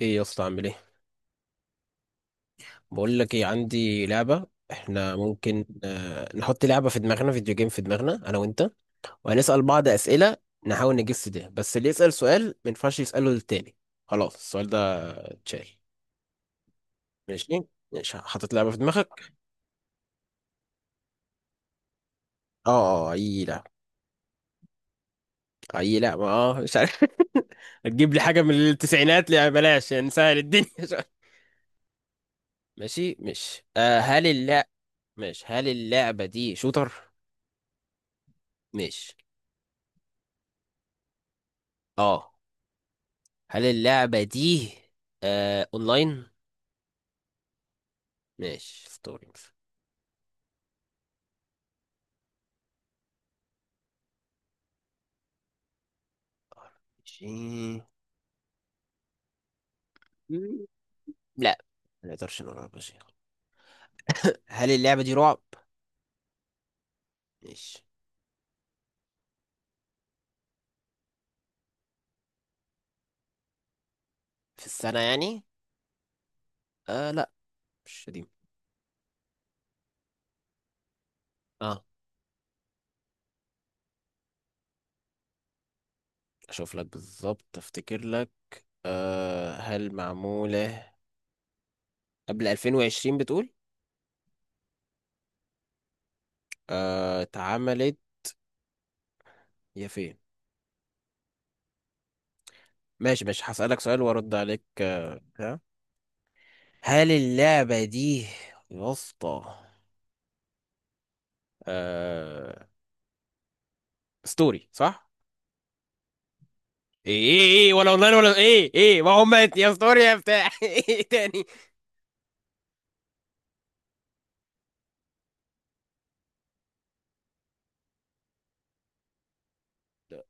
ايه يا اسطى عامل ايه؟ بقول لك ايه، عندي لعبه. احنا ممكن نحط لعبه في دماغنا، فيديو جيم في دماغنا انا وانت، وهنسال بعض اسئله نحاول نجس ده. بس اللي يسال سؤال ما ينفعش يساله للتاني. خلاص السؤال ده اتشال. ماشي. ماشي، حاطط لعبه في دماغك. اي لعبه. اي لعبه. اه مش عارف. هتجيب لي حاجه من التسعينات؟ لا بلاش، نسهل الدنيا شوية. ماشي. مش آه هل اللعب. ماشي. هل اللعبه دي شوتر؟ ماشي. اه. هل اللعبة دي اونلاين؟ ماشي. ستوري مثلا. ماشي. مم، لا، ما نقدرش نقول على شيء. هل اللعبة دي رعب؟ ماشي. في السنة يعني؟ لا، مش قديم. اه، اشوف لك بالظبط، افتكر لك. هل معمولة قبل 2020 بتقول؟ اتعملت يا فين؟ ماشي. ماشي، هسألك سؤال وارد عليك بتاع. هل اللعبة دي يا اسطى آه ستوري صح؟ ايه ايه، ايه ولا اونلاين ولا ايه؟ ايه ما هم، يا ستوري يا بتاع. ايه تاني؟ لا.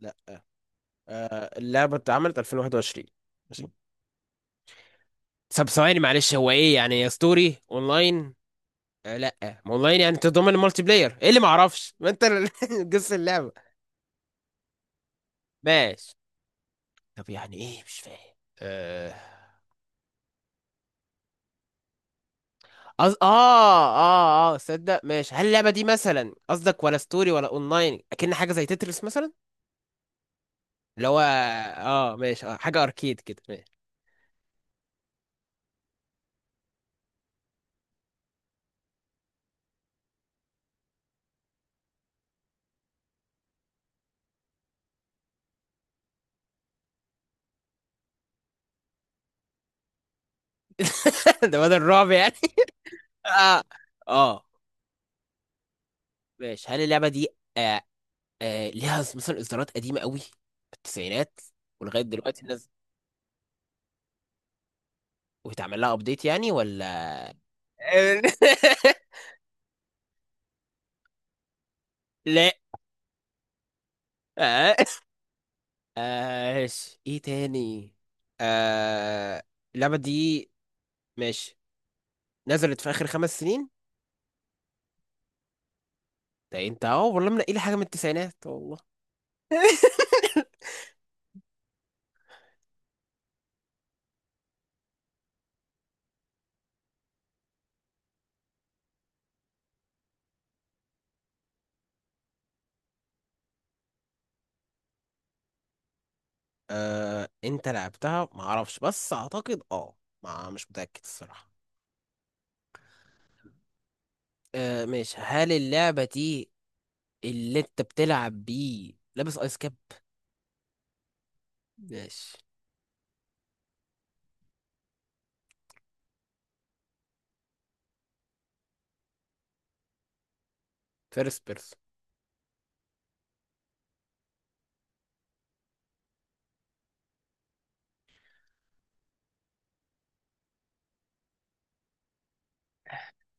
لا. اللعبة اتعملت 2021. ماشي. طب ثواني معلش، هو ايه يعني يا ستوري اونلاين؟ لا ما اونلاين، يعني تضمن المالتي بلاير؟ ايه اللي ما اعرفش ما انت جس اللعبة. ماشي. طب يعني ايه مش فاهم. آه أز... اه اه اه صدق ماشي، هل اللعبة دي مثلا قصدك ولا ستوري ولا اونلاين؟ اكن حاجة زي تترس مثلا، اللي هو ماشي، اه حاجة اركيد كده. ماشي. ده بدل الرعب يعني. اه. اه. ماشي. هل اللعبه دي آه ليها مثلا اصدارات قديمه قوي في التسعينات ولغايه دلوقتي الناس ويتعمل لها ابديت يعني ولا؟ لا. آه. آه. ايه تاني؟ آه. اللعبه دي، ماشي، نزلت في اخر 5 سنين؟ ده انت اه والله منقي لي حاجه من التسعينات، والله. آه. انت لعبتها ما اعرفش، بس اعتقد اه، ما مش متاكد الصراحه. آه ماشي. هل اللعبة دي اللي انت بتلعب بيه لابس ايس كاب؟ ماشي. فيرست بيرسون.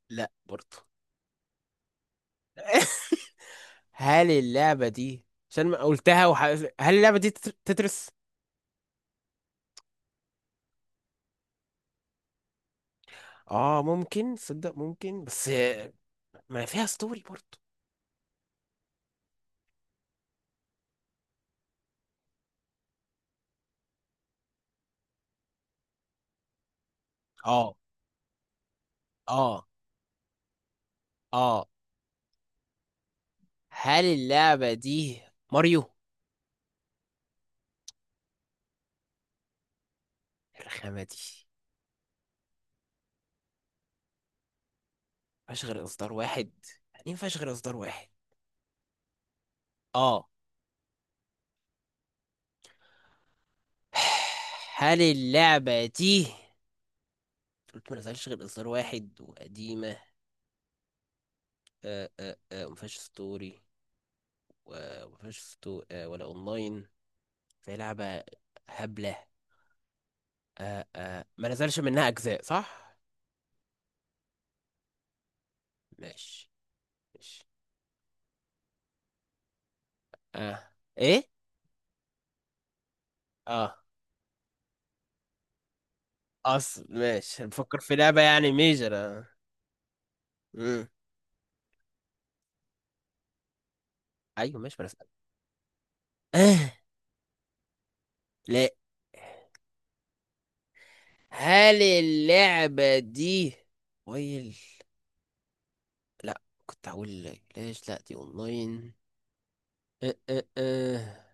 لا برضه. هل اللعبة دي عشان ما قلتها هل اللعبة دي تترس؟ اه ممكن، صدق ممكن، بس ما فيها ستوري برضه. اه. اه. اه. هل اللعبة دي ماريو الرخامة دي؟ مفيهاش غير اصدار واحد، يعني مفيهاش غير اصدار واحد؟ اه. هل اللعبة دي قلت ما نزلش غير إصدار واحد وقديمة وما فيهاش ستوري، وما فيهاش ستو... آه، ولا أونلاين، فهي لعبة هبلة. ما نزلش منها أجزاء صح؟ ماشي. ماشي. آه. إيه؟ آه. أصل ماشي، بفكر في لعبة يعني ميجر آه. مم. أيوه ماشي، ما نزل. آه. لا. هل اللعبة دي ويل؟ لا. كنت هقول لك ليش لا، دي اونلاين. أه أه أه.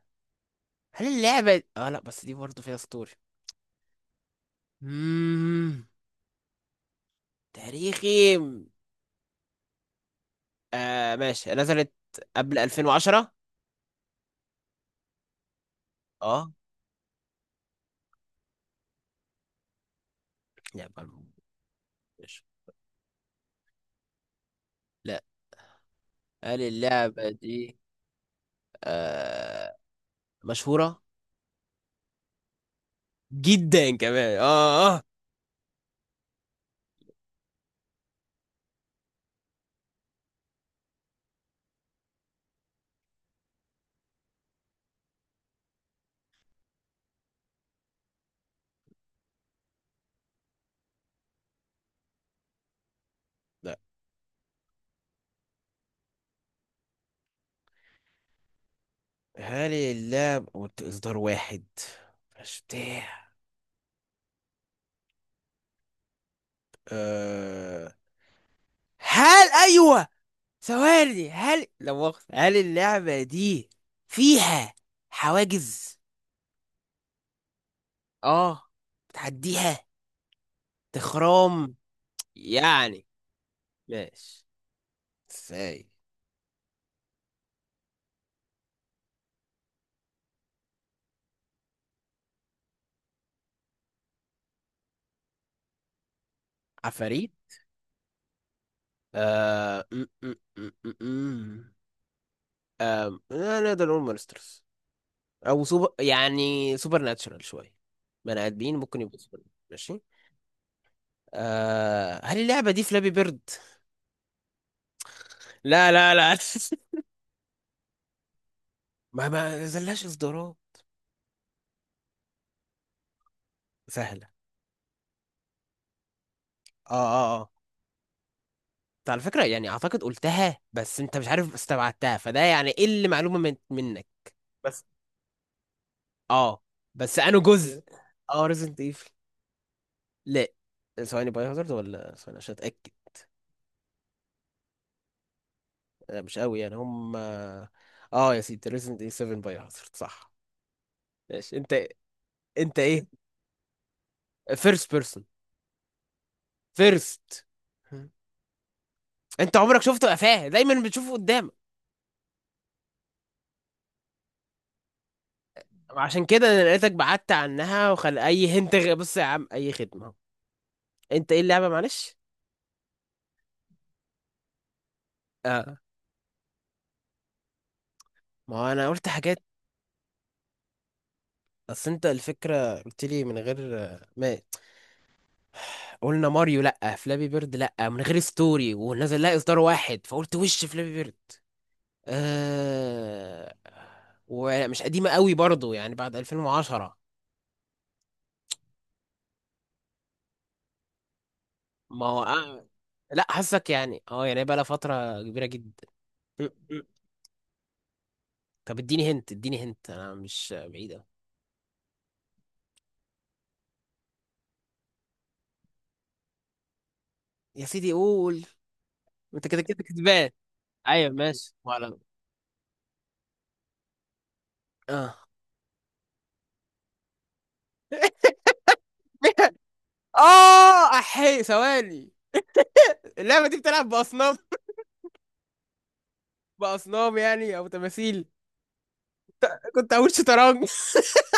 هل اللعبة لا، بس دي برضه فيها ستوري، مم، تاريخي. آه ماشي، نزلت قبل 2010؟ اه. لعبة. مش. لا. هل اللعبة دي آه مشهورة جدا كمان؟ اه. اه. لا. هل اللعبة قلت اصدار واحد مش بتاع آه هل ايوه، ثواني، هل لا مؤاخذة هل اللعبة دي فيها حواجز اه بتعديها تخرام يعني؟ ماشي. ازاي؟ عفاريت. آه... م- م- م- م- م. لا نقدر نقول مونسترز، او سوبر، يعني سوبر ناتشرال شويه، بني ادمين ممكن يبقوا سوبر. ماشي. آه. هل اللعبه دي فلابي بيرد؟ لا لا لا. ما زلاش اصدارات. سهله. اه. اه. اه. أنت على فكره يعني اعتقد قلتها، بس انت مش عارف استبعدتها، فده يعني ايه اللي معلومه منك. اه، بس انه جزء. اه ريزنت ايفل. لا، ثواني، باي هازارد ولا، ثواني عشان اتاكد. أنا مش قوي يعني هم. اه يا سيدي، ريزنت ايفل 7 باي هازارد صح؟ ماشي. انت، انت ايه؟ فيرست بيرسون. فيرست. انت عمرك شفته قفاه؟ دايما بتشوفه قدامك. عشان كده انا لقيتك بعدت عنها وخل اي هنت بص يا عم، اي خدمه اهو. انت ايه اللعبه معلش؟ اه، ما هو انا قلت حاجات، بس انت الفكره قلت لي من غير. ماشي. قلنا ماريو لأ، فلابي بيرد لأ، من غير ستوري، ونزل لها إصدار واحد، فقلت وش فلابي بيرد. آه، ومش قديمة قوي برضو يعني بعد 2010. ما هو لأ حاسك يعني اه، يعني بقى لها فترة كبيرة جدا. م- م. طب اديني هنت، اديني هنت، أنا مش بعيدة. يا سيدي قول، انت كده كده كسبان. ايوه ماشي ولا. اه. اه احي، ثواني، اللعبة دي بتلعب بأصناف، بأصنام يعني أو تماثيل؟ كنت هقول شطرنج.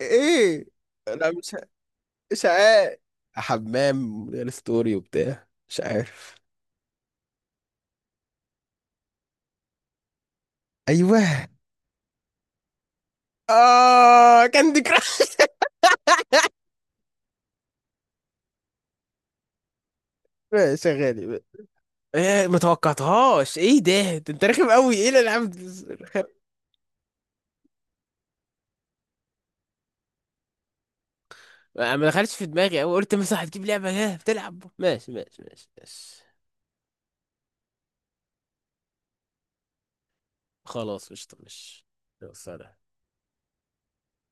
ايه؟ لا، مش عارف، حمام غير ستوري وبتاع مش عارف. ايوه. اه كاندي كراش. ماشي يا غالي. ايه، ما توقعتهاش. ايه ده، ده انت رخم قوي. ايه الالعاب دي؟ رخم. ما دخلتش في دماغي قوي، قلت مثلا هتجيب لعبه ايه بتلعب. ماشي ماشي ماشي ماشي. خلاص قشطه، ماشي. يلا، سلام.